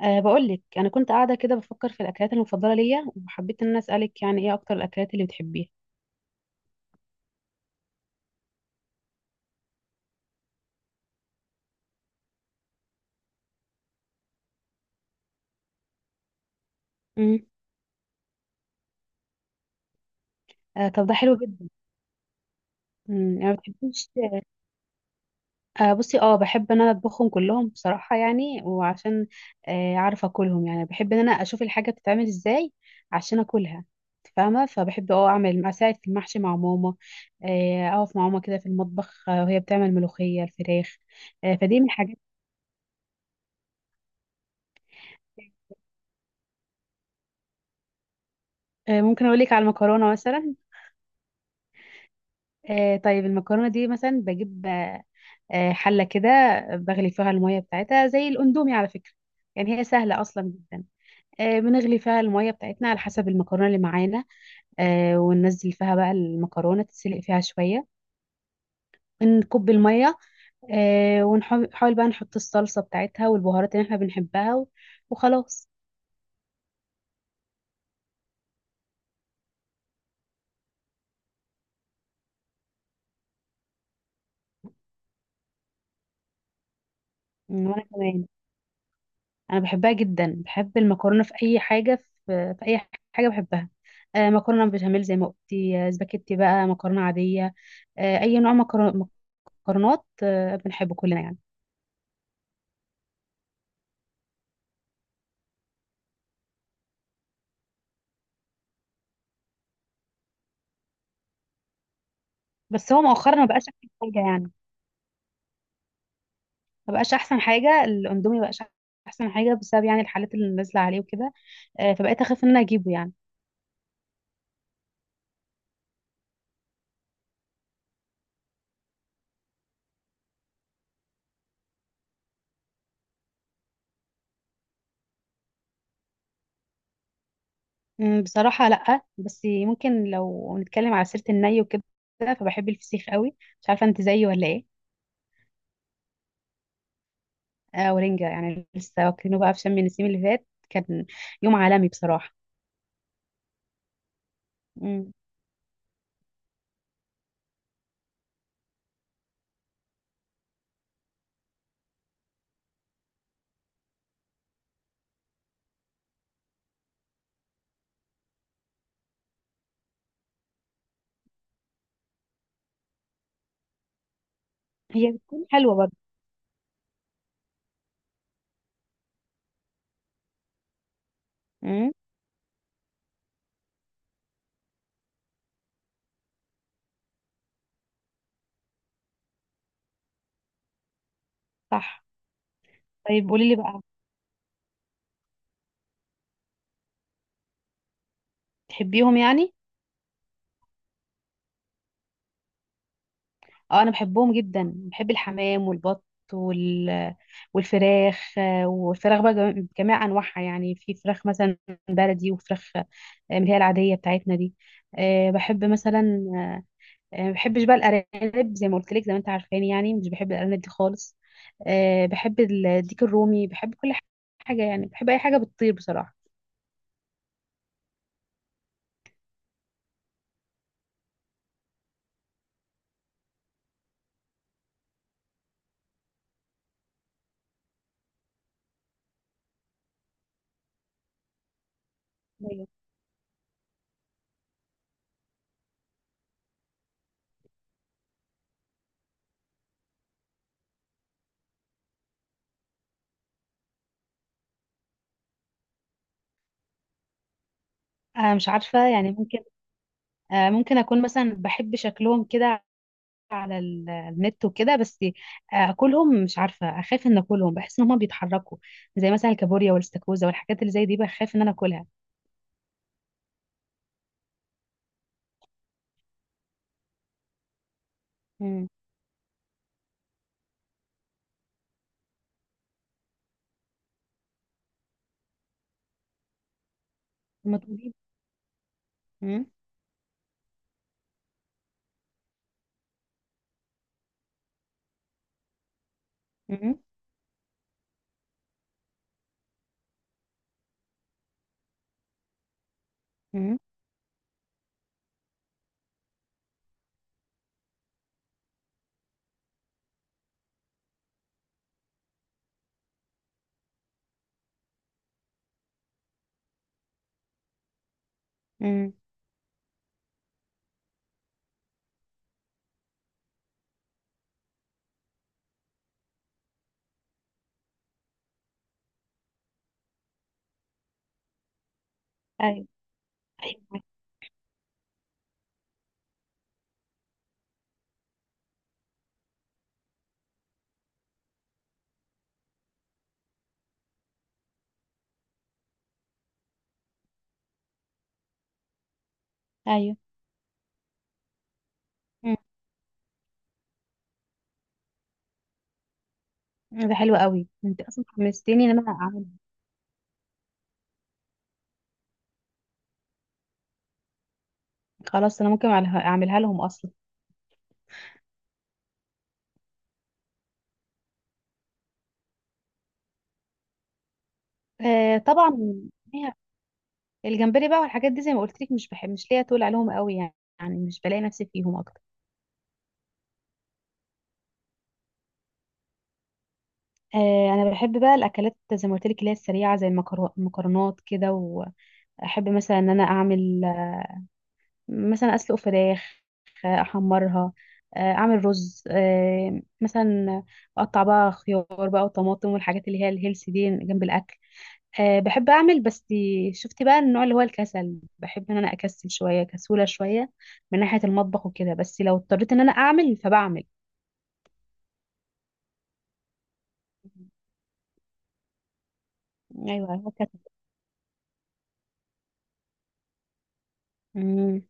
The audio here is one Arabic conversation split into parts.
بقول لك انا كنت قاعده كده بفكر في الاكلات المفضله ليا، وحبيت ان انا اسالك، يعني ايه اكتر الاكلات اللي بتحبيها؟ مم. طب ده حلو جدا. يعني ما بتحبيش. بصي، بحب ان انا اطبخهم كلهم بصراحه، يعني وعشان... عارفه اكلهم، يعني بحب ان انا اشوف الحاجه بتتعمل ازاي عشان اكلها. إنت فاهمه؟ فبحب اه اعمل اساعد في المحشي مع ماما. اقف مع ماما كده في المطبخ، وهي بتعمل ملوخيه الفراخ. فدي من الحاجات. ممكن اقول لك على المكرونه مثلا. طيب، المكرونة دي مثلا بجيب حلة كده، بغلي فيها المية بتاعتها زي الأندومي على فكرة. يعني هي سهلة أصلا جدا. بنغلي فيها المية بتاعتنا على حسب المكرونة اللي معانا، وننزل فيها بقى المكرونة تتسلق فيها شوية، نكب المية، ونحاول بقى نحط الصلصة بتاعتها والبهارات اللي احنا بنحبها وخلاص. مم، وأنا كمان. أنا بحبها جدا، بحب المكرونة في أي حاجة، في أي حاجة بحبها. مكرونة بشاميل زي ما قلتي، سباكيتي بقى مكرونة عادية، اي نوع مكرونه، مكرونات بنحبه كلنا يعني. بس هو مؤخرا ما بقاش احسن حاجه يعني. ما بقاش احسن حاجه، الاندومي ما بقاش احسن حاجه بسبب يعني الحالات اللي نازله عليه وكده. فبقيت اخاف ان انا اجيبه يعني. بصراحه لا، بس ممكن لو نتكلم على سيره الني وكده، فبحب الفسيخ قوي. مش عارفه انت زيي ولا ايه؟ آه، ورنجه، يعني لسه واكلينه بقى، في شم النسيم اللي فات كان يوم عالمي بصراحه. أمم. هي بتكون حلوه برضه. أمم. صح. طيب قولي لي بقى، تحبيهم يعني؟ اه، انا بحبهم جدا، بحب الحمام والبط وال... والفراخ، بقى بجميع انواعها، يعني في فراخ مثلا بلدي وفراخ اللي هي العاديه بتاعتنا دي. بحب مثلا... ما بحبش بقى الارانب، زي ما قلت لك، زي ما انت عارفاني، يعني مش بحب الارانب دي خالص. بحب الديك الرومي، بحب كل حاجه، يعني بحب اي حاجه بتطير بصراحه. أيوة. مش عارفه يعني، ممكن... ممكن اكون مثلا بحب شكلهم كده على النت وكده، بس اكلهم مش عارفه، اخاف ان اكلهم، بحس ان هما بيتحركوا، زي مثلا الكابوريا والاستاكوزا والحاجات اللي زي دي، بخاف ان انا اكلها. امم. ما تقولي. امم. امم. امم. امم. ايوه. ايوه. ايوه. مم. ده حلو قوي، انت اصلا حمستني ان انا اعمل. خلاص، انا ممكن أعملها لهم اصلا. آه، طبعا. الجمبري بقى والحاجات دي، زي ما قلت لك، مش بحب، مش ليا تقول عليهم قوي يعني، يعني مش بلاقي نفسي فيهم. انا بحب بقى الاكلات زي ما قلت لك اللي هي السريعه، زي المكرونات كده، واحب مثلا ان انا اعمل مثلا اسلق فراخ، احمرها، اعمل رز مثلا، اقطع بقى خيار بقى وطماطم والحاجات اللي هي الهيلثي دي جنب الاكل. بحب اعمل بس شفتي بقى النوع اللي هو الكسل، بحب ان انا اكسل شويه، كسوله شويه من ناحيه المطبخ وكده، بس لو اضطريت ان انا اعمل فبعمل. ايوه، هو كسل. مم.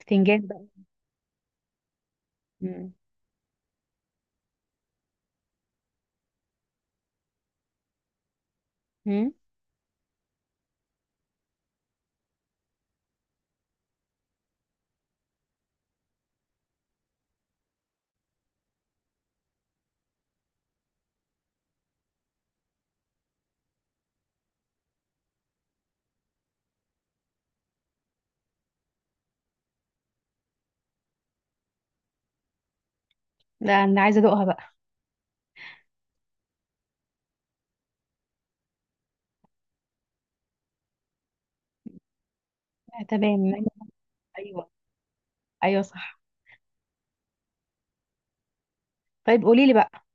بتنجان بقى. مم. مم. لا، انا عايزه ادوقها بقى. تمام. ايوه. ايوه صح. طيب قولي لي بقى،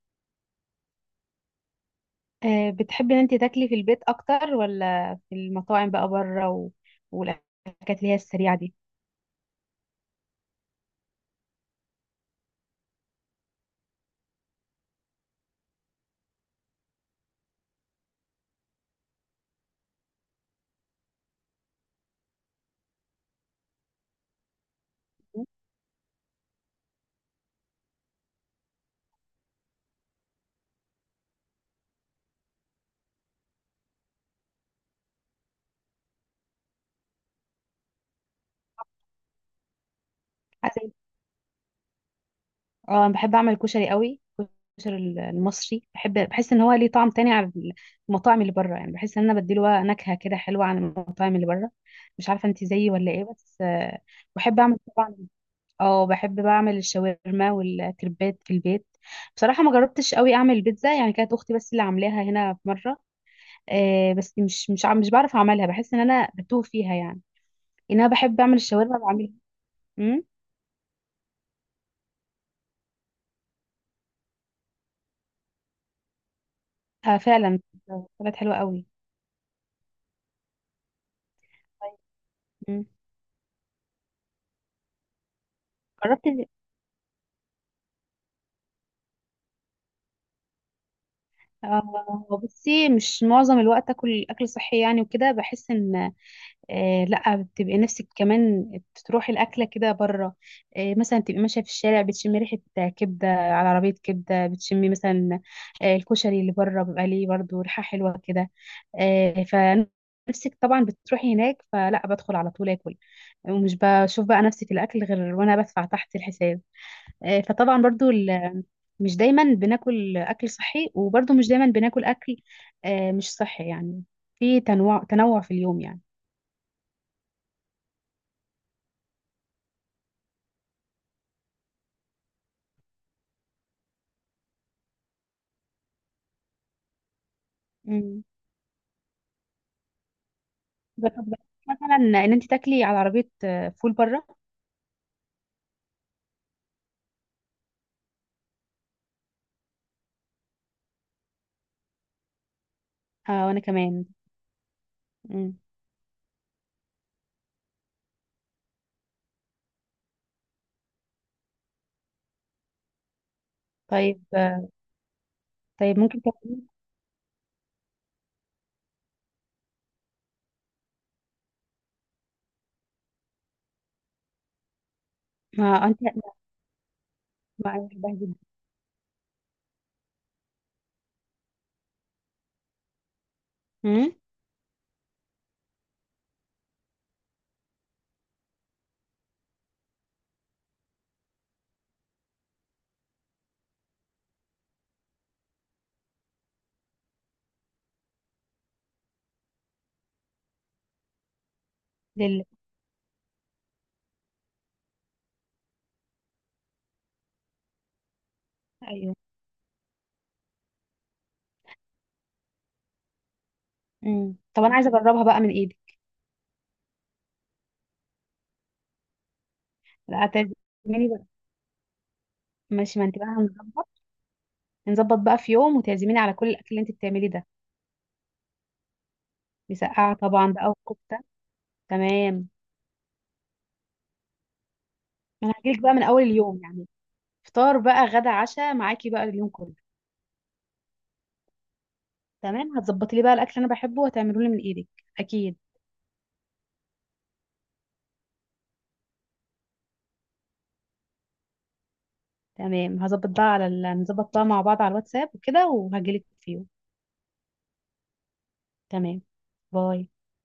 بتحبي ان انت تاكلي في البيت اكتر ولا في المطاعم بقى بره والاكلات اللي هي السريعه دي؟ عايزه أقول- اه انا بحب اعمل كشري قوي، الكشري المصري بحب، بحس ان هو ليه طعم تاني عن المطاعم اللي بره، يعني بحس ان انا بديله نكهه كده حلوه عن المطاعم اللي بره. مش عارفه انت زيي ولا ايه؟ بس بحب اعمل طبعا، اه بحب بعمل الشاورما والكريبات في البيت. بصراحه ما جربتش قوي اعمل بيتزا، يعني كانت اختي بس اللي عاملاها هنا في مره. بس مش بعرف اعملها، بحس ان انا بتوه فيها يعني، ان انا بحب اعمل الشاورما بعملها. امم. آه فعلا، طلعت حلوه قوي. مم. جربت. بصي، مش معظم الوقت اكل صحي يعني وكده، بحس ان... لا، بتبقي نفسك كمان تروحي الأكلة كده بره. مثلا تبقي ماشية في الشارع بتشمي ريحة كبدة على عربية كبدة، بتشمي مثلا الكشري اللي بره بيبقى ليه برضه ريحة حلوة كده. فنفسك طبعا بتروحي هناك، فلا بدخل على طول آكل، ومش بشوف بقى نفسي في الأكل غير وأنا بدفع تحت الحساب. فطبعا برضه مش دايما بناكل أكل صحي، وبرضه مش دايما بناكل أكل مش صحي يعني، في تنوع، تنوع في اليوم يعني. مم. جربت مثلا ان انت تاكلي على عربيه فول بره؟ آه، وانا كمان. مم. طيب طيب ممكن تاكلي... ما انت ما انا بحبها جدا. امم. لل ايوه. امم. طب انا عايزه اجربها بقى من ايدك. لا، تعزميني بقى. ماشي، ما انت بقى هنظبط، نظبط بقى في يوم وتعزميني على كل الاكل اللي انت بتعمليه ده. مسقعه طبعا بقى، وكفته. تمام. انا هجيلك بقى من اول اليوم يعني، فطار بقى، غدا، عشاء، معاكي بقى اليوم كله. تمام، هتظبطي لي بقى الاكل اللي انا بحبه وهتعمله لي من ايدك. اكيد. تمام، هظبط بقى على نظبط بقى مع بعض على الواتساب وكده وهجيلك فيه. تمام. باي.